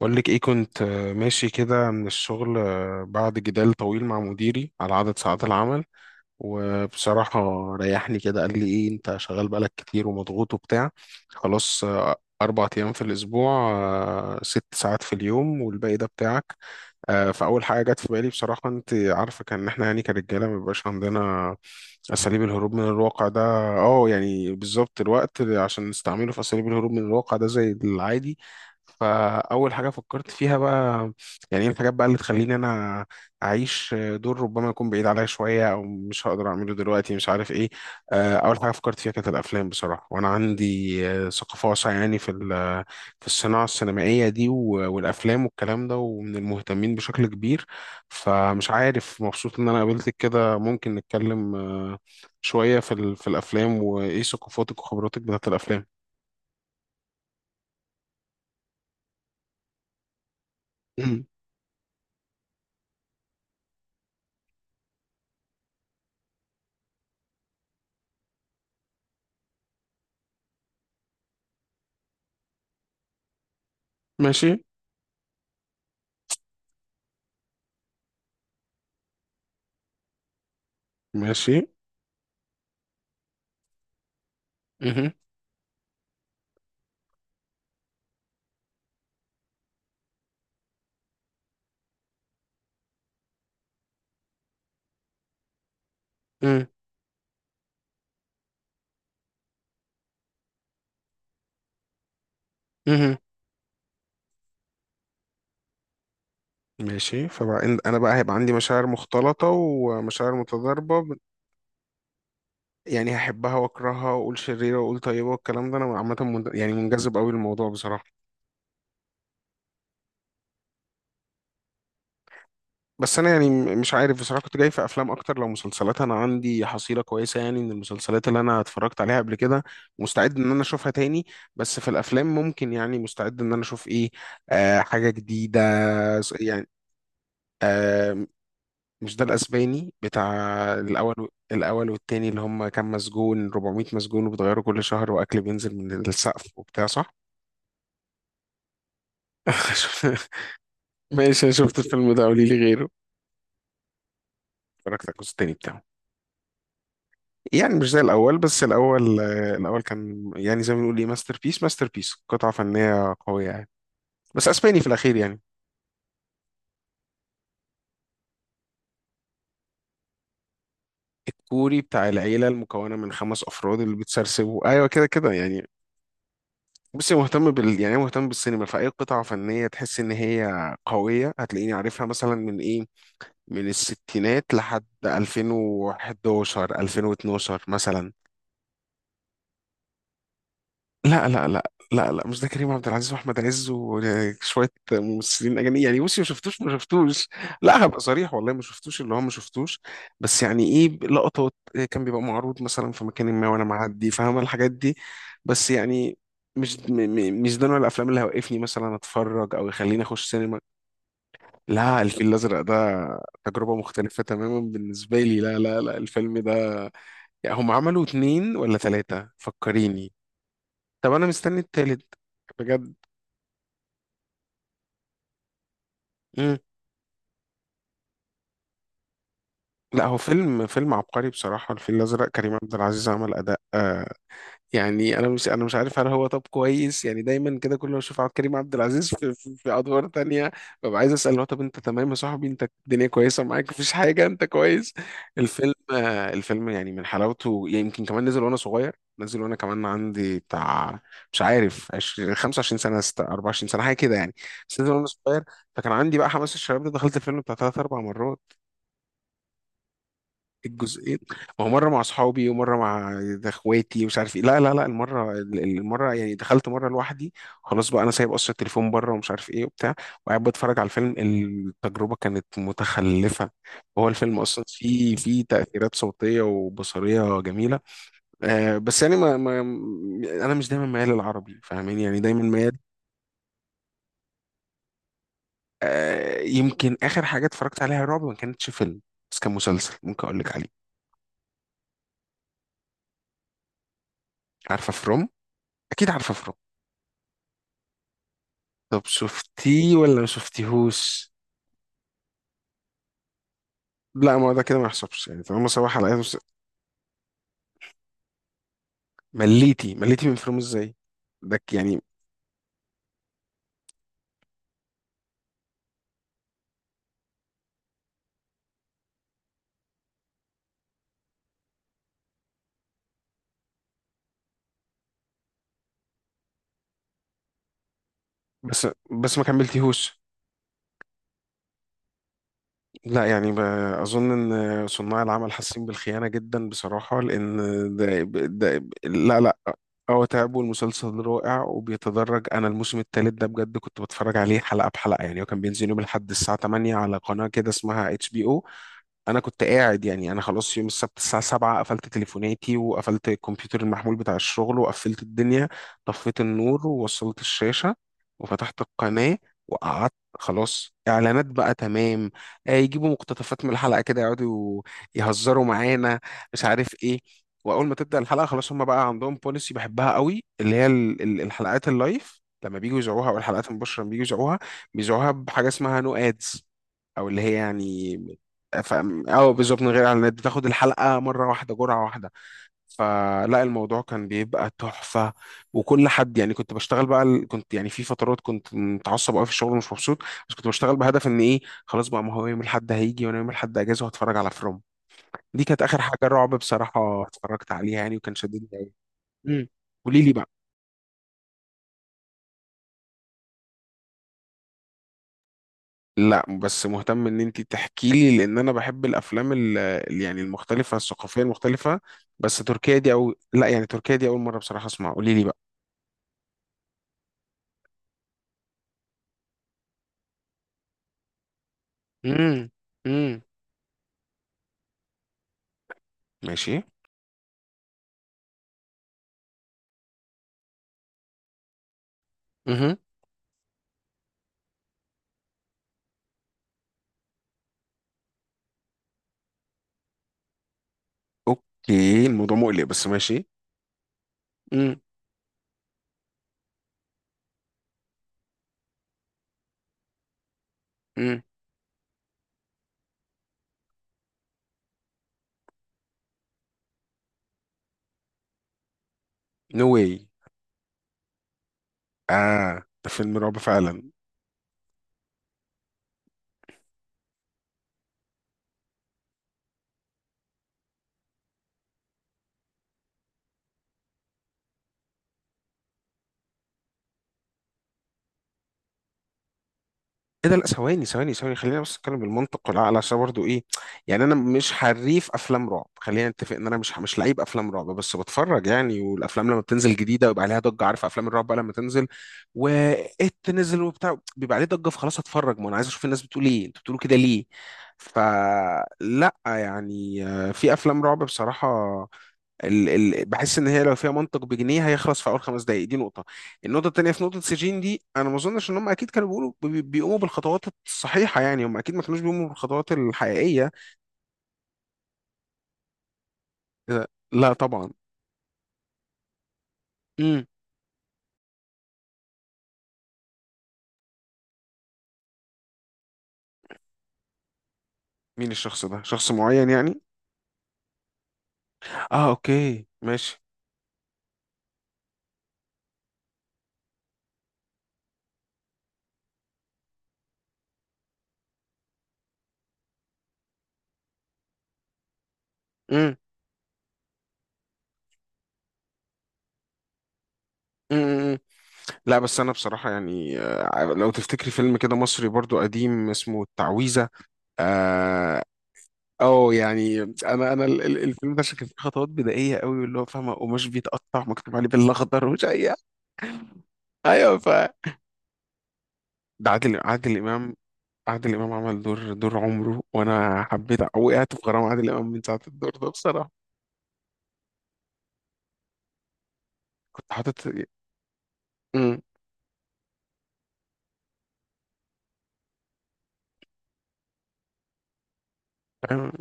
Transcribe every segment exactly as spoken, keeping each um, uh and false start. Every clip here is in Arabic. بقول لك ايه كنت آه، ماشي كده من الشغل، آه، بعد جدال طويل مع مديري على عدد ساعات العمل. وبصراحة ريحني كده، قال لي إيه: أنت شغال بقالك كتير ومضغوط وبتاع. خلاص، آه، أربع أيام في الأسبوع، آه، ست ساعات في اليوم، والباقي ده بتاعك. آه، فأول حاجة جت في بالي بصراحة، أنت عارفة، كان إحنا يعني كرجالة ما بيبقاش عندنا أساليب الهروب من الواقع ده. أه يعني بالظبط الوقت اللي عشان نستعمله في أساليب الهروب من الواقع ده زي العادي. فأول حاجة فكرت فيها بقى يعني إيه الحاجات بقى اللي تخليني أنا اعيش دور ربما يكون بعيد عليا شويه، او مش هقدر اعمله دلوقتي، مش عارف ايه. آه، اول حاجه فكرت فيها كانت الافلام بصراحه، وانا عندي آه، ثقافه واسعه يعني في ال- في الصناعه السينمائيه دي و- والافلام والكلام ده، ومن المهتمين بشكل كبير. فمش عارف، مبسوط ان انا قابلتك كده، ممكن نتكلم آه، شويه في ال- في الافلام، وايه ثقافاتك وخبراتك بتاعت الافلام. مم. ماشي. ماشي. مهم. مهم. مهم. ماشي، فبقى انا بقى هيبقى عندي مشاعر مختلطة ومشاعر متضاربة، ب- يعني هحبها واكرهها واقول شريرة واقول طيبة والكلام ده. انا عامة من- يعني منجذب قوي للموضوع بصراحة. بس انا يعني م- مش عارف بصراحة، كنت جاي في افلام اكتر. لو مسلسلات، انا عندي حصيلة كويسة يعني من المسلسلات اللي انا اتفرجت عليها قبل كده، مستعد ان انا اشوفها تاني. بس في الافلام ممكن يعني مستعد ان انا اشوف ايه، آه حاجة جديدة. س- يعني آه، مش ده الاسباني بتاع الاول، و- الاول والتاني، اللي هم كام مسجون؟ أربعمئة مسجون، وبتغيروا كل شهر، واكل بينزل من السقف وبتاع، صح؟ ماشي، انا شفت الفيلم ده، قولي لي غيره. اتفرجت على الجزء التاني بتاعه. يعني مش زي الاول، بس الاول، آه، الاول كان يعني زي ما بنقول ايه، ماستر بيس، ماستر بيس، قطعه فنيه قويه يعني. بس اسباني في الاخير يعني. الكوري بتاع العيله المكونه من خمس افراد اللي بتسرسبوا، ايوه كده كده يعني. بصي، مهتم بال يعني أنا مهتم بالسينما، فأي قطعة فنية تحس إن هي قوية هتلاقيني عارفها، مثلا من إيه، من الستينات لحد ألفين وحداشر، ألفين واثنا عشر مثلا. لا لا لا. لا لا، مش ده كريم عبد العزيز واحمد عز وشويه ممثلين اجانب يعني. بصي، ما شفتوش، ما شفتوش. لا هبقى صريح، والله ما شفتوش. اللي هو ما شفتوش، بس يعني ايه لقطات، إيه كان بيبقى معروض مثلا في مكان ما وانا معدي، فاهمه الحاجات دي. بس يعني مش، م- م- مش ده نوع الافلام اللي هيوقفني مثلا اتفرج، او يخليني اخش سينما. لا، الفيل الازرق ده تجربه مختلفه تماما بالنسبه لي. لا لا لا، الفيلم ده يعني هم عملوا اتنين ولا ثلاثه؟ فكريني. طب انا مستني التالت بجد. مم. لا هو فيلم، فيلم عبقري بصراحة. الفيل الأزرق، كريم عبد العزيز عمل أداء، آه، يعني انا مش، انا مش عارف هل هو طب كويس؟ يعني دايما كده كل ما اشوف عبد الكريم عبد العزيز في, في, في ادوار تانية ببقى عايز اسال: هو طب انت تمام يا صاحبي؟ انت الدنيا كويسه معاك؟ مفيش حاجه؟ انت كويس؟ الفيلم، آه، الفيلم يعني من حلاوته يعني، يمكن كمان نزل وانا صغير، نزل وانا كمان عندي بتاع، مش عارف عشرين، خمسة وعشرين سنه، ست- أربعة وعشرين سنه حاجه كده يعني. بس نزل وانا صغير، فكان عندي بقى حماس الشباب ده، دخلت الفيلم بتاع ثلاث اربع مرات، الجزئين. ما هو مره مع اصحابي ومره مع ده اخواتي ومش عارف ايه. لا لا لا، المره، المره يعني دخلت مره لوحدي، خلاص بقى انا سايب اصلا التليفون بره ومش عارف ايه وبتاع، وقاعد بتفرج على الفيلم. التجربه كانت متخلفه. هو الفيلم اصلا فيه فيه تاثيرات صوتيه وبصريه جميله. آه بس يعني ما, ما انا مش دايما ميال للعربي، فاهمين يعني، دايما ميال. آه يمكن اخر حاجه اتفرجت عليها رعب ما كانتش فيلم، بس كان مسلسل، ممكن اقول لك عليه. عارفه فروم؟ اكيد عارفه. طب شفتيه ولا ما شفتيهوش؟ لا، ما هو ده كده ما يحسبش، يعني طالما سبع حلقات بس. مليتي؟ مليتي من فيلم ازاي؟ ده ك- يعني. بس بس ما كملتيهوش. لا يعني ب- اظن ان صناع العمل حاسين بالخيانه جدا بصراحه، لان ده, ده لا لا. هو تعب، والمسلسل رائع وبيتدرج. انا الموسم الثالث ده بجد كنت بتفرج عليه حلقه بحلقه، يعني هو كان بينزل يوم الاحد الساعه تمانية على قناه كده اسمها اتش بي او. انا كنت قاعد يعني، انا خلاص يوم السبت الساعه السابعة قفلت تليفوناتي، وقفلت الكمبيوتر المحمول بتاع الشغل، وقفلت الدنيا، طفيت النور ووصلت الشاشه وفتحت القناه وقعدت. خلاص، اعلانات بقى، تمام. آه، يجيبوا مقتطفات من الحلقه كده، يقعدوا يهزروا معانا، مش عارف ايه. واول ما تبدا الحلقه، خلاص هم بقى عندهم بوليسي بحبها قوي، اللي هي ال- ال- الحلقات اللايف لما بييجوا يذيعوها، او الحلقات المباشره لما بييجوا يذيعوها، بيذيعوها بحاجه اسمها نو ادز، او اللي هي يعني... ف... اه بالظبط، من غير اعلانات، بتاخد الحلقه مره واحده، جرعه واحده. فلا الموضوع كان بيبقى تحفه، وكل حد يعني. كنت بشتغل بقى ال- كنت يعني في فترات كنت متعصب قوي في الشغل ومش مبسوط، بس كنت بشتغل بهدف ان ايه؟ خلاص بقى، ما هو يوم الاحد هيجي وانا يوم الاحد اجازه، وهتفرج على فروم. دي كانت اخر حاجه رعب بصراحه اتفرجت عليها يعني، وكان شددني قوي. قولي لي. لا بس مهتم ان انت تحكي لي، لان انا بحب الافلام ال- ال- يعني المختلفه، الثقافيه المختلفه. بس تركيا دي، او لا، يعني تركيا دي اول مره بصراحه اسمع، قولي لي بقى. امم. امم. ماشي. امم. اوكي، الموضوع مقلق بس ماشي. امم. امم. نو واي. اه ده فيلم رعب فعلا. ايه ده؟ لا ثواني ثواني ثواني، خلينا بس نتكلم بالمنطق والعقل عشان برضو ايه. يعني انا مش حريف افلام رعب، خلينا نتفق ان انا مش، مش لعيب افلام رعب، بس بتفرج يعني. والافلام لما بتنزل جديده بيبقى عليها ضجه، عارف افلام الرعب بقى لما تنزل. وات، نزل وبتاع، بيبقى عليه ضجه، فخلاص هتفرج، ما انا عايز اشوف الناس بتقول ايه، انتوا بتقولوا كده ليه. فلا يعني، آه، في افلام رعب بصراحه ال ال بحس ان هي لو فيها منطق بجنيه هيخلص في اول خمس دقائق، دي نقطه. النقطه الثانيه، في نقطه سجين دي، انا ما اظنش ان هم اكيد كانوا بيقولوا بي- بيقوموا بالخطوات الصحيحه، يعني هم اكيد ما كانوش بيقوموا بالخطوات الحقيقيه. إذا- لا طبعا. امم. مين الشخص ده؟ شخص معين يعني؟ اه اوكي ماشي. امم. امم. لا بس انا بصراحه يعني، آه، لو تفتكري فيلم كده مصري برضو قديم اسمه التعويذه. آه اه يعني انا انا ال- ال- الفيلم ده كان فيه خطوات بدائيه قوي، واللي هو فاهمه قماش بيتقطع مكتوب عليه بالاخضر ومش اي. ايوه ف، ده عادل، عادل امام. عادل امام عمل دور، دور عمره، وانا حبيت، وقعت في غرام عادل امام من ساعه الدور ده بصراحه. كنت حاطط. امم. فاهم؟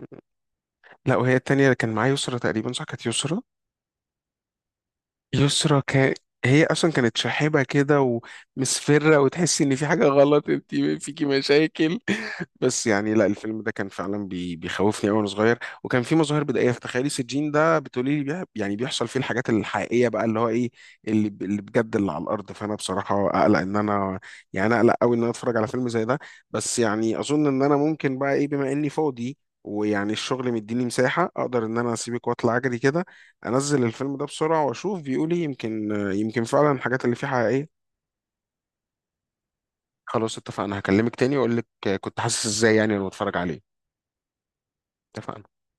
لا وهي التانية اللي كان معايا يسرا تقريبا، صح كانت يسرا. يسرا كان، هي اصلا كانت شاحبه كده ومسفره، وتحسي ان في حاجه غلط، انت فيكي مشاكل. بس يعني لا الفيلم ده كان فعلا بي- بيخوفني قوي وانا صغير. وكان في مظاهر بدائيه في تخيلي. سجين ده بتقولي لي بيها- يعني بيحصل فيه الحاجات الحقيقيه بقى، اللي هو ايه، اللي ب- اللي بجد، اللي على الارض. فانا بصراحه اقلق ان انا يعني، اقلق قوي ان انا اتفرج على فيلم زي ده. بس يعني اظن ان انا ممكن بقى ايه، بما اني فاضي ويعني الشغل مديني مساحه، اقدر ان انا اسيبك واطلع اجري كده، انزل الفيلم ده بسرعه واشوف بيقولي. يمكن يمكن فعلا الحاجات اللي فيه حقيقيه. خلاص اتفقنا، هكلمك تاني واقول لك كنت حاسس ازاي يعني لما اتفرج عليه. اتفقنا.